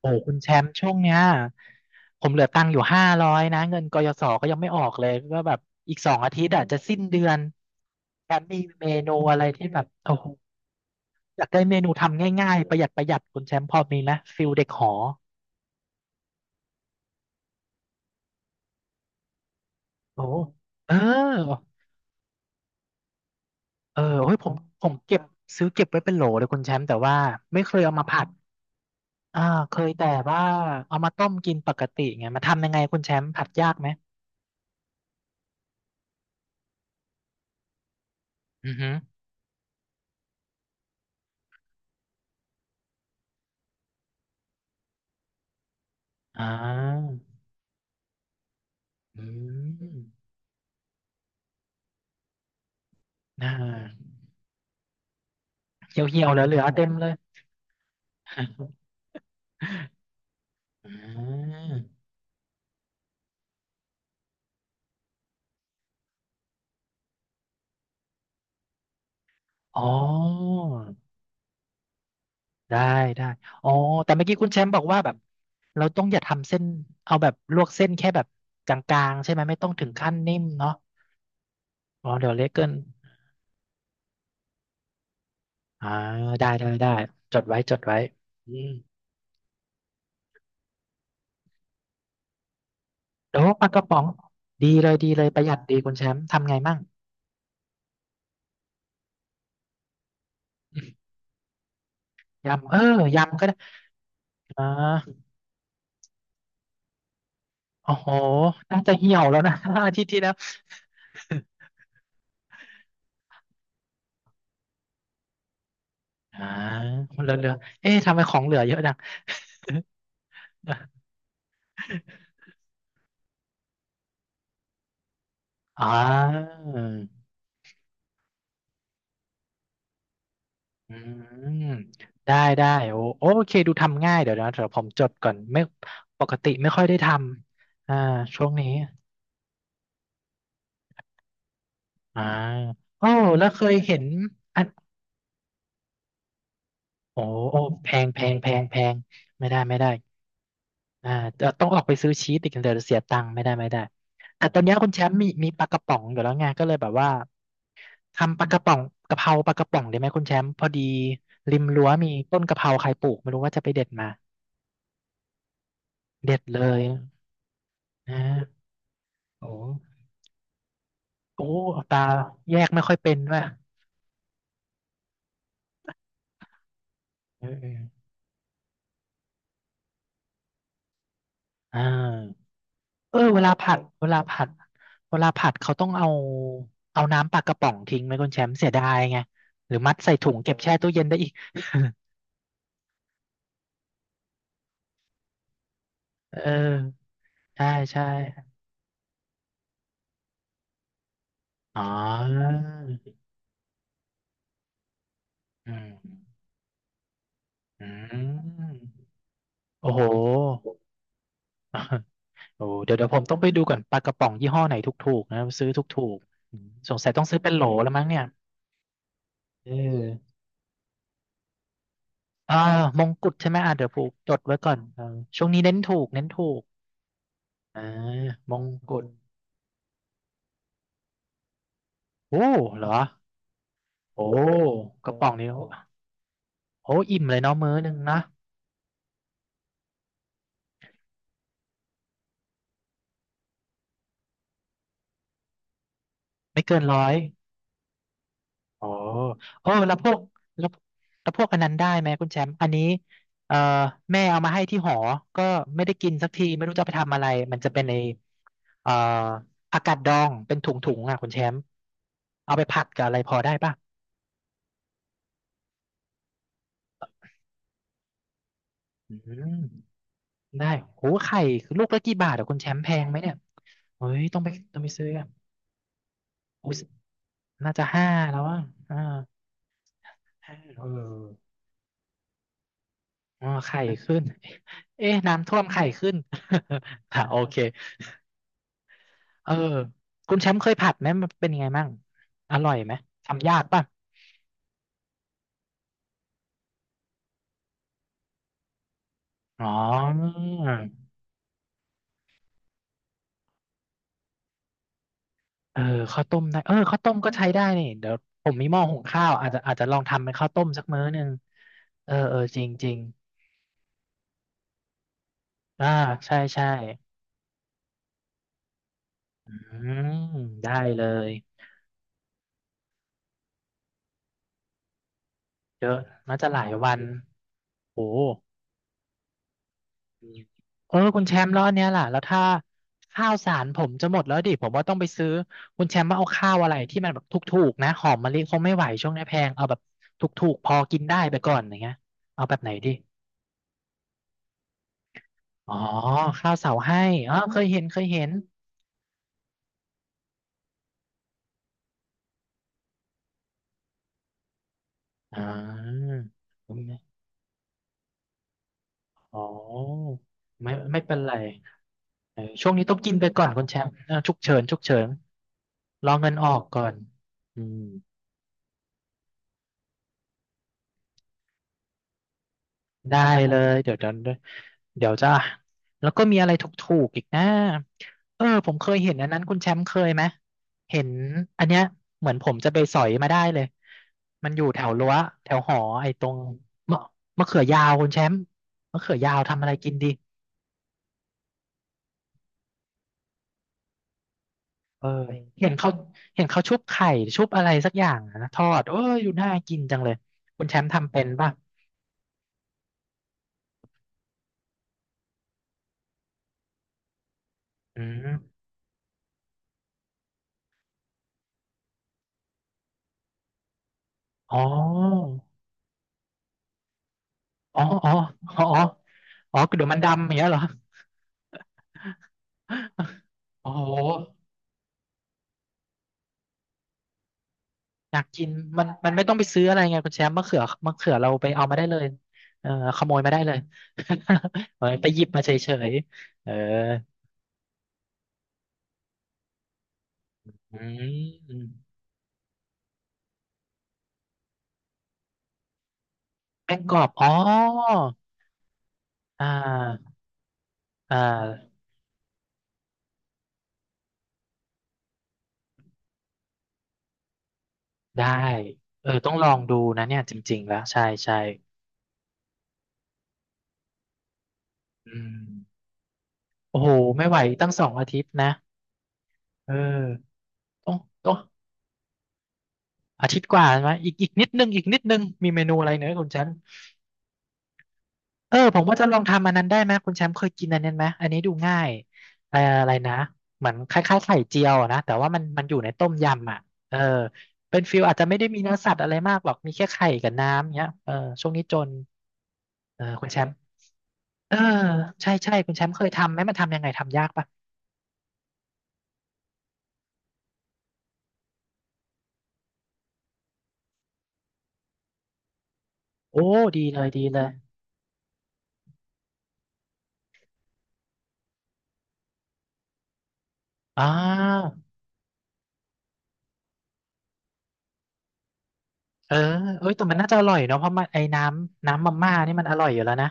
โอ้คุณแชมป์ช่วงเนี้ยผมเหลือตังค์อยู่500นะเงินกยศก็ยังไม่ออกเลยก็แบบอีกสองอาทิตย์อาจจะสิ้นเดือนแชมป์มีเมนูอะไรที่แบบโอ้โหอยากได้เมนูทำง่ายๆประหยัดประหยัดคุณแชมป์พอมีไหมฟิลเด็กหอโอ้เออเออเฮ้ยผมเก็บซื้อเก็บไว้เป็นโหลเลยคุณแชมป์แต่ว่าไม่เคยเอามาผัดอ่าเคยแต่ว่าเอามาต้มกินปกติไงมาทำยังไงคุณแชมป์ผัดยากไหมอือฮึอ่าอืมน่า เหี่ยวเหี่ยวเหลือเหลือเต็มเลยอ่าอ๋อได้ได้อ๋อแต่เมื่อกี้คุณแชมป์บอกว่าแบบเราต้องอย่าทำเส้นเอาแบบลวกเส้นแค่แบบกลางๆใช่ไหมไม่ต้องถึงขั้นนิ่มเนาะอ๋อเดี๋ยวเละเกินอ่าได้ได้ได้จดไว้จดไว้อืมโอ้ปลากระป๋องดีเลยดีเลยประหยัดดีคุณแชมป์ทำไงมั่งยำเออยำก็ได้อ่าโอ้โหน่าจะเหี่ยวแล้วนะ อาทิตย์ที่แล้วอ่าเหลือเหลือเอ๊ะทำไมของเหลือเยอะนะ อ่าอืมได้ได้โอโอเคดูทำง่ายเดี๋ยวนะเดี๋ยวผมจดก่อนไม่ปกติไม่ค่อยได้ทำอ่าช่วงนี้อ่าโอ้แล้วเคยเห็นอันโอ้โอ้แพงแพงแพงแพงไม่ได้ไม่ได้อ่าจะต้องออกไปซื้อชีสอีกเดี๋ยวเสียตังค์ไม่ได้ไม่ได้แต่ตอนเนี้ยคุณแชมป์มีปลากระป๋องอยู่แล้วไงก็เลยแบบว่าทำปลากระป๋องกะเพราปลากระป๋องได้ไหมคุณแชมป์พอดีริมรั้วมีต้นกะเพราใครปลูกไม่รู้ว่าจะไปเด็ดมา เด็ดเลยนะโอ้โอ้เอาตาแยกไม่ค่อยเป็นด้วยเออเอออ่าเออเวลาผัดเวลาผัดเวลาผัดเขาต้องเอาเอาน้ำปลากระป๋องทิ้งไหมคุณแชมป์เสียดายไงหรือมัดใส่ถุงเก็บแช่ตู้เย็นได้อีกเออใช่ใช่อ๋ออืมอืมโอ้โหโอ้เดี๋ยวเดี๋ยวผมต้องไปดูก่อนปลากระป๋องยี่ห้อไหนถูกๆนะซื้อถูกๆอืมสงสัยต้องซื้อเป็นโหลแล้วมั้งเนี่ยเออ อ่ามงกุฎใช่ไหมอ่าเดี๋ยวผูกจดไว้ก่อนเออช่วงนี้เน้นถูกเน้นถูกอ่ามงกุฎโอ้เหรอโอ้กระป๋องนี้โอ้โอ้อิ่มเลยเนาะมื้อหนึ่งนะไม่เกินร้อยโอ้โอ้แล้วแล้วพวกอันนั้นได้ไหมคุณแชมป์อันนี้เอ่อแม่เอามาให้ที่หอก็ไม่ได้กินสักทีไม่รู้จะเอาไปทำอะไรมันจะเป็นในเอ่อผักกาดดองเป็นถุงๆอ่ะคุณแชมป์เอาไปผัดกับอะไรพอได้ป่ะอืม ได้โหไข่คือลูกละกี่บาทอะคุณแชมป์แพงไหมเนี่ยเฮ้ยต้องไปซื้ออะอุ้ยน่าจะห้าแล้วอ่ะอ่าห้าเอออ๋อไข่ขึ้นเอ๊ะน้ำท่วมไข่ขึ้น อ่ะโอเคเออคุณแชมป์เคยผัดไหมมันเป็นยังไงมั่งอร่อยไหมทำยากป่ะอ๋อเออข้าวต้มได้เออข้าวต้มก็ใช้ได้นี่เดี๋ยวผมมีหม้อหุงข้าวอาจจะอาจจะลองทำเป็นข้าวต้มสักมื้อหนึ่งเออเออจริงจริงอ่าใช่ใช่ อืมได้เลยเยอะน่าจะหลายวันโอ้เออคุณแชมป์แล้วอันเนี้ยล่ะแล้วถ้าข้าวสารผมจะหมดแล้วดิผมว่าต้องไปซื้อคุณแชมป์ว่าเอาข้าวอะไรที่มันแบบถูกๆนะหอมมะลิคงไม่ไหวช่วงนี้แพงเอาแบบถูกๆพอกินได้ไปก่อนอย่างเงี้ยเอาแบบไหนดิอ๋อข้าวเสาให้อ๋อเคยเห็นเคยเห็นอ่าอ๋อไม่ไม่เป็นไรเออช่วงนี้ต้องกินไปก่อนคุณแชมป์เออฉุกเฉินฉุกเฉิน รอเงินออกก่อนอืมได้เลย เดี๋ยวจะเดี๋ยวจะแล้วก็มีอะไรถูกๆอีกนะเออผมเคยเห็นอันนั้นคุณแชมป์เคยไหม เห็นอันเนี้ยเหมือนผมจะไปสอยมาได้เลย มันอยู่แถวรั้วแถวหอไอ้ตรงมะมะเขือยาวคุณแชมป์มะเขือยาวทำอะไรกินดีเออเห็นเขาเห็นเขาชุบไข่ชุบอะไรสักอย่างอะนะทอดเอออยู่น่ากินจังเลยคุณแชมป์ทำเป็นป่ะอืมอ๋อ อ๋ออ๋อ อ๋อ อ๋อเดี๋ยวมันดำอย่างเงี้ยเหรอโอ้โหอยากกินมันมันไม่ต้องไปซื้ออะไรไงคุณแชมป์มะเขือมะเขือเราไปเอามาได้เลยเออขโมยมาได้เลย เออไปหยิบมาเฉยๆเอออืมแป้งกรอบ อ๋อ อ่า อ่า ได้ เออ ต้องลองดูนะเนี่ยจริงๆ แล้วใช่ใช่อืมโอ้โห ไม่ไหวตั้ง2 อาทิตย์นะเออต้องต้อง อาทิตย์กว่าใช่ไหมอีกนิดนึงมีเมนูอะไรเนอะคุณแชมป์เออผมว่าจะลองทำอันนั้นได้ไหมคุณแชมป์เคยกินอันนั้นไหมอันนี้ดูง่ายอะไรนะเหมือนคล้ายๆไข่เจียวอะนะแต่ว่ามันอยู่ในต้มยำอ่ะเออเป็นฟิลอาจจะไม่ได้มีเนื้อสัตว์อะไรมากหรอกมีแค่ไข่กับน้ำเนี้ยเออช่วงนี้จนเออคุณแชมป์เออใช่ใช่คุณแชมป์เคยทำไหมมันทำยังไงทำยากปะโอ้ดีเลยดีเลยอ่าเออเอ้ยแต่มันน่าจะอร่อยเนาะเพราะมันไอ้น้ำมาม่านี่มันอร่อยอยู่แล้วนะ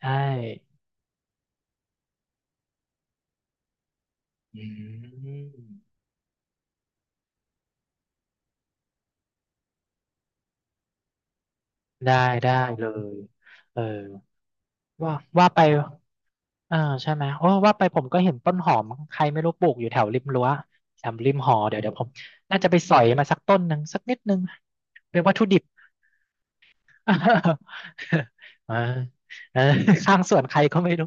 ใช่ อืมได้ได้เลยเออว่าไปเออใช่ไหมโอ้ว่าไปผมก็เห็นต้นหอมใครไม่รู้ปลูกอยู่แถวริมรั้วแถวริมหอเดี๋ยวผมน่าจะไปสอยมาสักต้นหนึ่งสักนิดนึงเป็นวัตถุดิบ เออเออข้างสวนใครก็ไม่รู้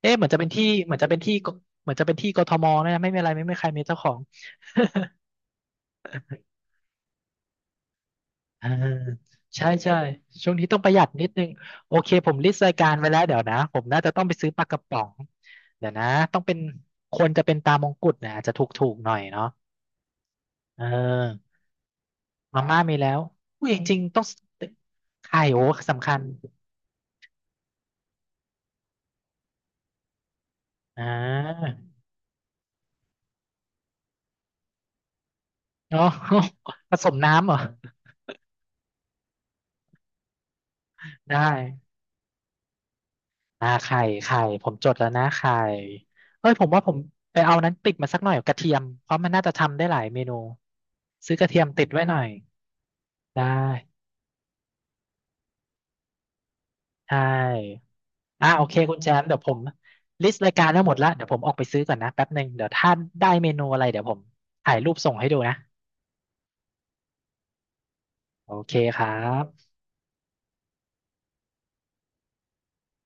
เอ๊ะเหมือนจะเป็นที่เหมือนจะเป็นที่กเหมือนจะเป็นที่กทมนะไม่มีอะไรไม่มีใครมีเจ้าของ อ่าใช่ใช่ช่วงนี้ต้องประหยัดนิดนึงโอเคผมลิสต์รายการไว้แล้วเดี๋ยวนะผมน่าจะต้องไปซื้อปลากระป๋องเดี๋ยวนะต้องเป็นควรจะเป็นตามงกุฎนะอาจจะถูกๆหน่อยเนาะเออมาม่ามีแล้วอุ้ยจริงๆต้องไข่โอ้สำคัญอ่าเนาะ ผสมน้ำเหรอได้อ่าไข่ผมจดแล้วนะไข่เอ้ยผมว่าผมไปเอานั้นติดมาสักหน่อยกระเทียมเพราะมันน่าจะทำได้หลายเมนูซื้อกระเทียมติดไว้หน่อย ได้ใช่อ่ะโอเค คุณแชมป์เดี๋ยวผมลิสต์รายการทั้งหมดแล้วเดี๋ยวผมออกไปซื้อก่อนนะแป๊บหนึ่งเดี๋ยวถ้าได้เมนูอะไรเดี๋ยวผมถ่ายรูปส่งให้ดูนะ โอเคครับ